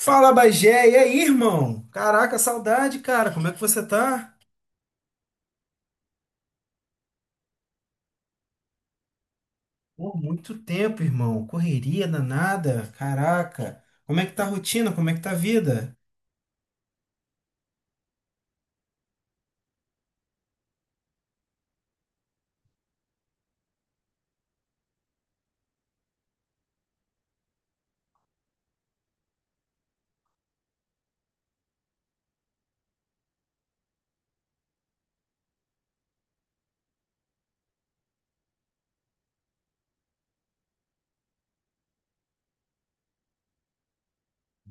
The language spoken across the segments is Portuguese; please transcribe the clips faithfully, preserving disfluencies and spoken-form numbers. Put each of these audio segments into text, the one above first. Fala, Bagé, e aí, irmão? Caraca, saudade, cara. Como é que você tá? Pô, muito tempo, irmão. Correria danada. Caraca. Como é que tá a rotina? Como é que tá a vida?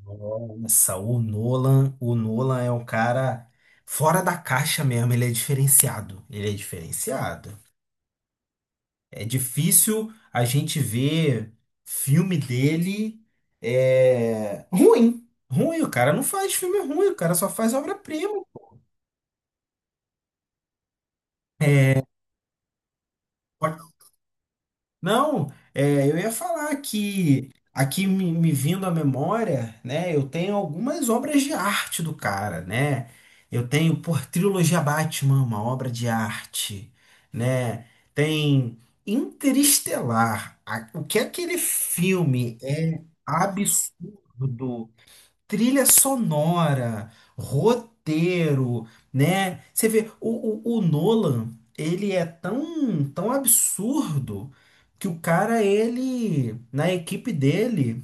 Nossa, o Nolan, o Nolan é um cara fora da caixa mesmo. Ele é diferenciado. Ele é diferenciado. É difícil a gente ver filme dele é ruim. Ruim, o cara não faz filme ruim, o cara só faz obra-prima. Não, é, eu ia falar que aqui me, me vindo à memória, né? Eu tenho algumas obras de arte do cara, né? Eu tenho por trilogia Batman, uma obra de arte, né? Tem Interestelar. A- O que aquele filme é absurdo, trilha sonora, roteiro, né? Você vê, o, o, o Nolan, ele é tão, tão absurdo que o cara, ele, na equipe dele,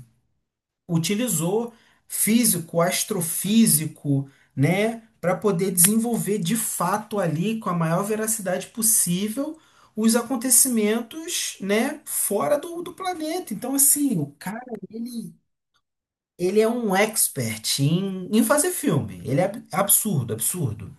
utilizou físico, astrofísico, né? Para poder desenvolver de fato ali, com a maior veracidade possível, os acontecimentos, né? Fora do, do planeta. Então, assim, o cara, ele ele é um expert em, em fazer filme. Ele é ab- absurdo, absurdo.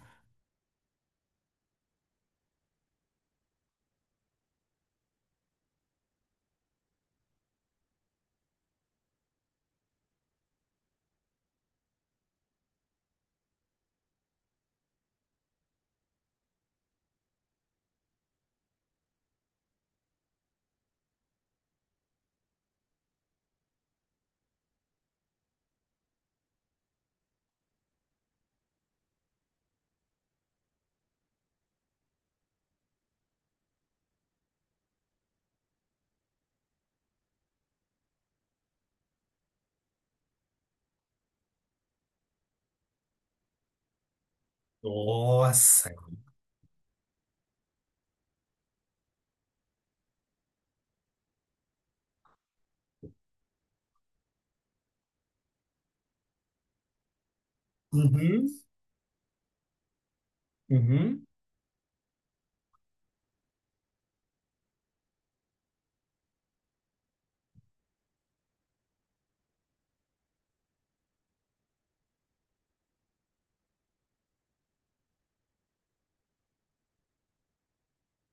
Nossa. Uhum, uhum.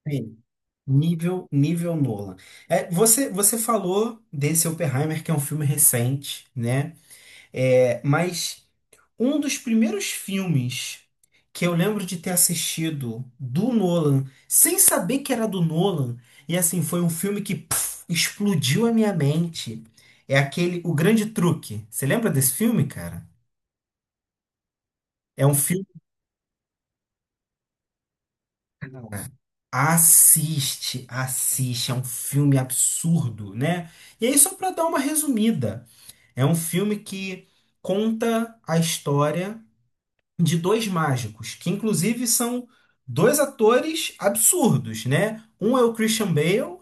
Sim. Nível, nível Nolan. É, você, você falou desse Oppenheimer, que é um filme recente, né? É, mas um dos primeiros filmes que eu lembro de ter assistido do Nolan, sem saber que era do Nolan, e assim, foi um filme que puf, explodiu a minha mente. É aquele O Grande Truque. Você lembra desse filme, cara? É um filme. Assiste, assiste, é um filme absurdo, né? E aí, só para dar uma resumida, é um filme que conta a história de dois mágicos, que inclusive são dois atores absurdos, né? Um é o Christian Bale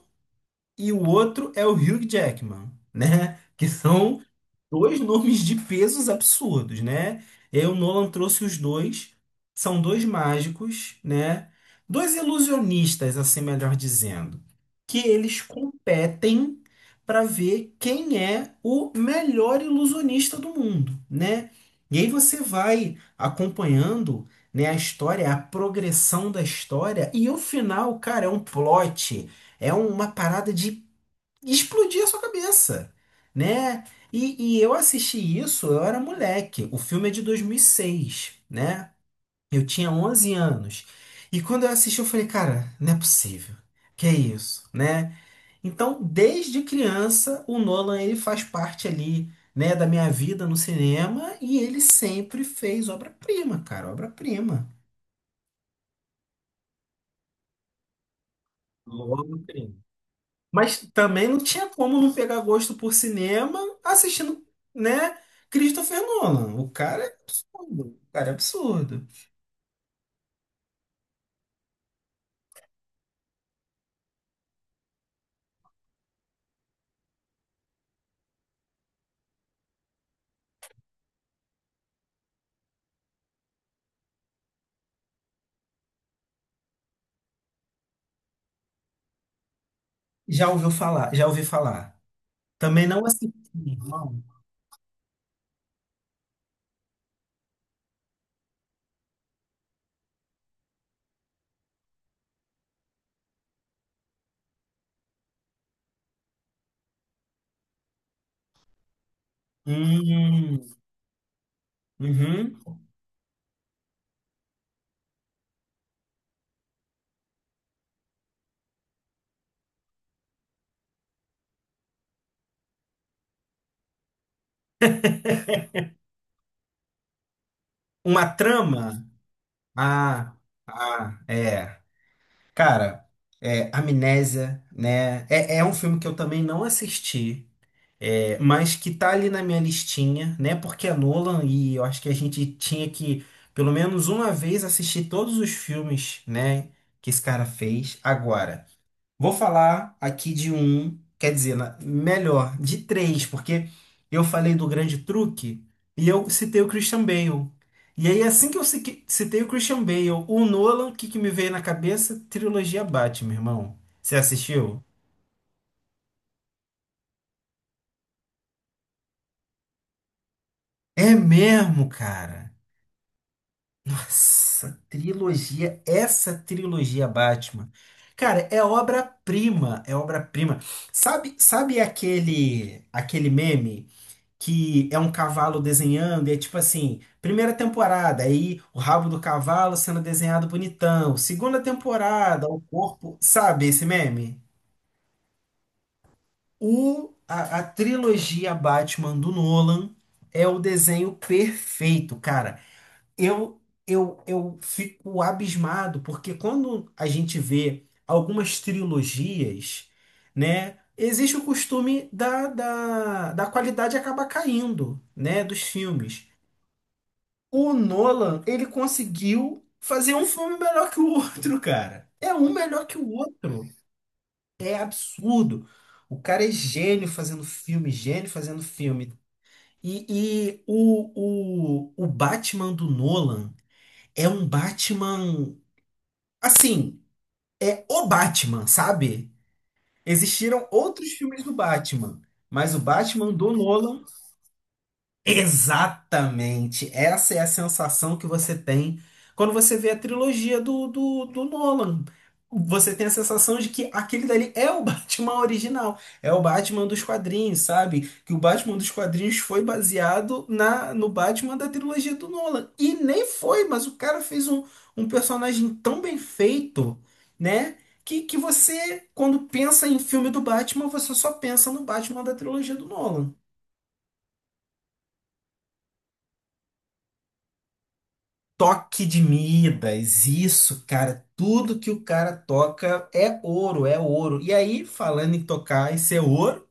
e o outro é o Hugh Jackman, né? Que são dois nomes de pesos absurdos, né? E aí o Nolan trouxe os dois. São dois mágicos, né? Dois ilusionistas, assim melhor dizendo, que eles competem para ver quem é o melhor ilusionista do mundo, né? E aí você vai acompanhando, né, a história, a progressão da história e o final, cara, é um plot, é uma parada de explodia a sua cabeça, né? E, e eu assisti isso, eu era moleque. O filme é de dois mil e seis, né? Eu tinha onze anos. E quando eu assisti, eu falei, cara, não é possível. Que é isso, né? Então, desde criança, o Nolan ele faz parte ali, né, da minha vida no cinema e ele sempre fez obra-prima, cara, obra-prima. Obra-prima. Mas também não tinha como não pegar gosto por cinema assistindo, né? Christopher Nolan. O cara é absurdo. O cara é absurdo. Já ouviu falar? Já ouvi falar. Também não assisti, não. Hum, uhum. Uma trama? Ah, ah, é. Cara, é, Amnésia, né? É, é um filme que eu também não assisti. É, mas que tá ali na minha listinha, né? Porque é Nolan e eu acho que a gente tinha que, pelo menos uma vez, assistir todos os filmes, né? Que esse cara fez. Agora, vou falar aqui de um, quer dizer, na- melhor, de três, porque eu falei do Grande Truque e eu citei o Christian Bale. E aí, assim que eu cique- citei o Christian Bale, o Nolan, o que que me veio na cabeça? Trilogia Batman, irmão. Você assistiu? É mesmo, cara. Essa trilogia, essa trilogia Batman. Cara, é obra-prima, é obra-prima. Sabe, sabe aquele aquele meme que é um cavalo desenhando e é tipo assim, primeira temporada, aí o rabo do cavalo sendo desenhado bonitão, segunda temporada, o corpo, sabe esse meme? O a, a trilogia Batman do Nolan é o desenho perfeito, cara. Eu, eu, eu fico abismado, porque quando a gente vê algumas trilogias, né, existe o costume da, da, da qualidade acabar caindo, né, dos filmes. O Nolan, ele conseguiu fazer um filme melhor que o outro, cara. É um melhor que o outro. É absurdo. O cara é gênio fazendo filme, gênio fazendo filme. E, e o, o, o Batman do Nolan é um Batman. Assim, é o Batman, sabe? Existiram outros filmes do Batman, mas o Batman do Nolan. Exatamente. Essa é a sensação que você tem quando você vê a trilogia do, do, do Nolan. Você tem a sensação de que aquele dali é o Batman original, é o Batman dos quadrinhos, sabe? Que o Batman dos quadrinhos foi baseado na no Batman da trilogia do Nolan. E nem foi, mas o cara fez um, um personagem tão bem feito, né? Que, que você, quando pensa em filme do Batman, você só pensa no Batman da trilogia do Nolan. Toque de Midas, isso, cara. Tudo que o cara toca é ouro, é ouro. E aí, falando em tocar e ser ouro,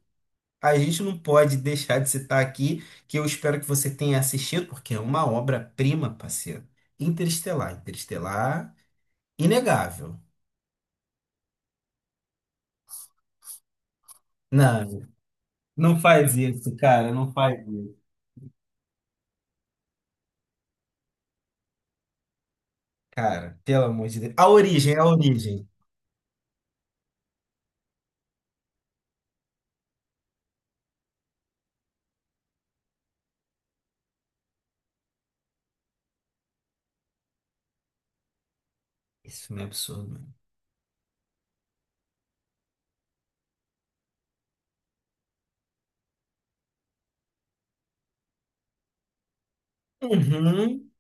a gente não pode deixar de citar aqui, que eu espero que você tenha assistido, porque é uma obra-prima, parceiro. Interestelar, Interestelar, inegável. Não, não faz isso, cara, não faz isso. Cara, pelo amor de Deus. A origem, a origem. Esse filme é um absurdo, mano. Uhum,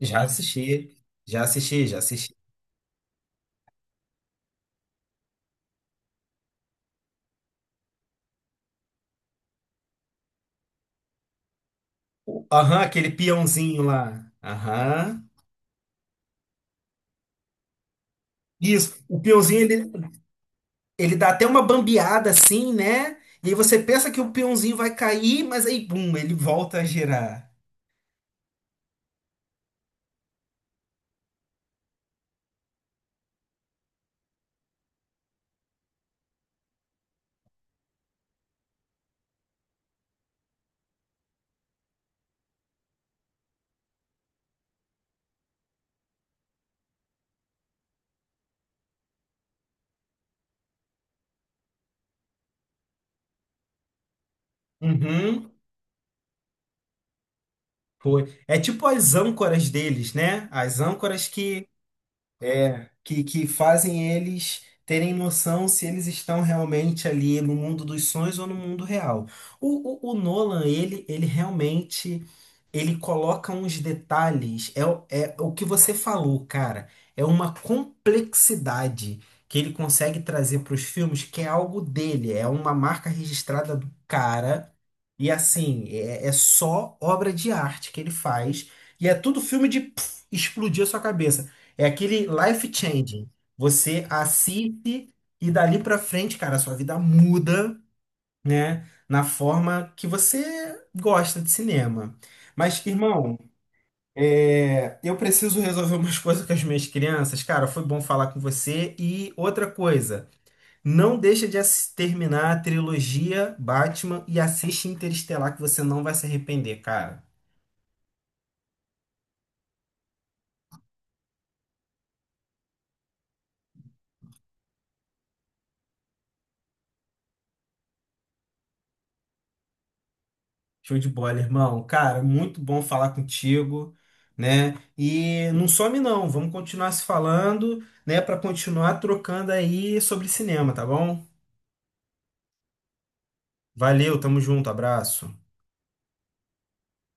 já assisti, já assisti, já assisti. Aham, aquele peãozinho lá. Aham. Isso, o peãozinho ele, ele dá até uma bambeada assim, né? E aí você pensa que o peãozinho vai cair, mas aí, bum, ele volta a girar. Uhum, foi. É tipo as âncoras deles, né? As âncoras que é, que, que fazem eles terem noção se eles estão realmente ali no mundo dos sonhos ou no mundo real. O, o, o Nolan, ele, ele realmente, ele coloca uns detalhes, é, o- é o que você falou, cara, é uma complexidade que ele consegue trazer para os filmes, que é algo dele, é uma marca registrada do cara, e assim, é, é só obra de arte que ele faz, e é tudo filme de pff, explodir a sua cabeça. É aquele life changing. Você assiste e dali pra frente, cara, a sua vida muda, né? Na forma que você gosta de cinema. Mas, irmão, é, eu preciso resolver umas coisas com as minhas crianças. Cara, foi bom falar com você. E outra coisa, não deixa de assis- terminar a trilogia Batman e assiste Interestelar que você não vai se arrepender, cara. Show de bola, irmão. Cara, muito bom falar contigo, né? E não some não, vamos continuar se falando, né, para continuar trocando aí sobre cinema, tá bom? Valeu, tamo junto, abraço.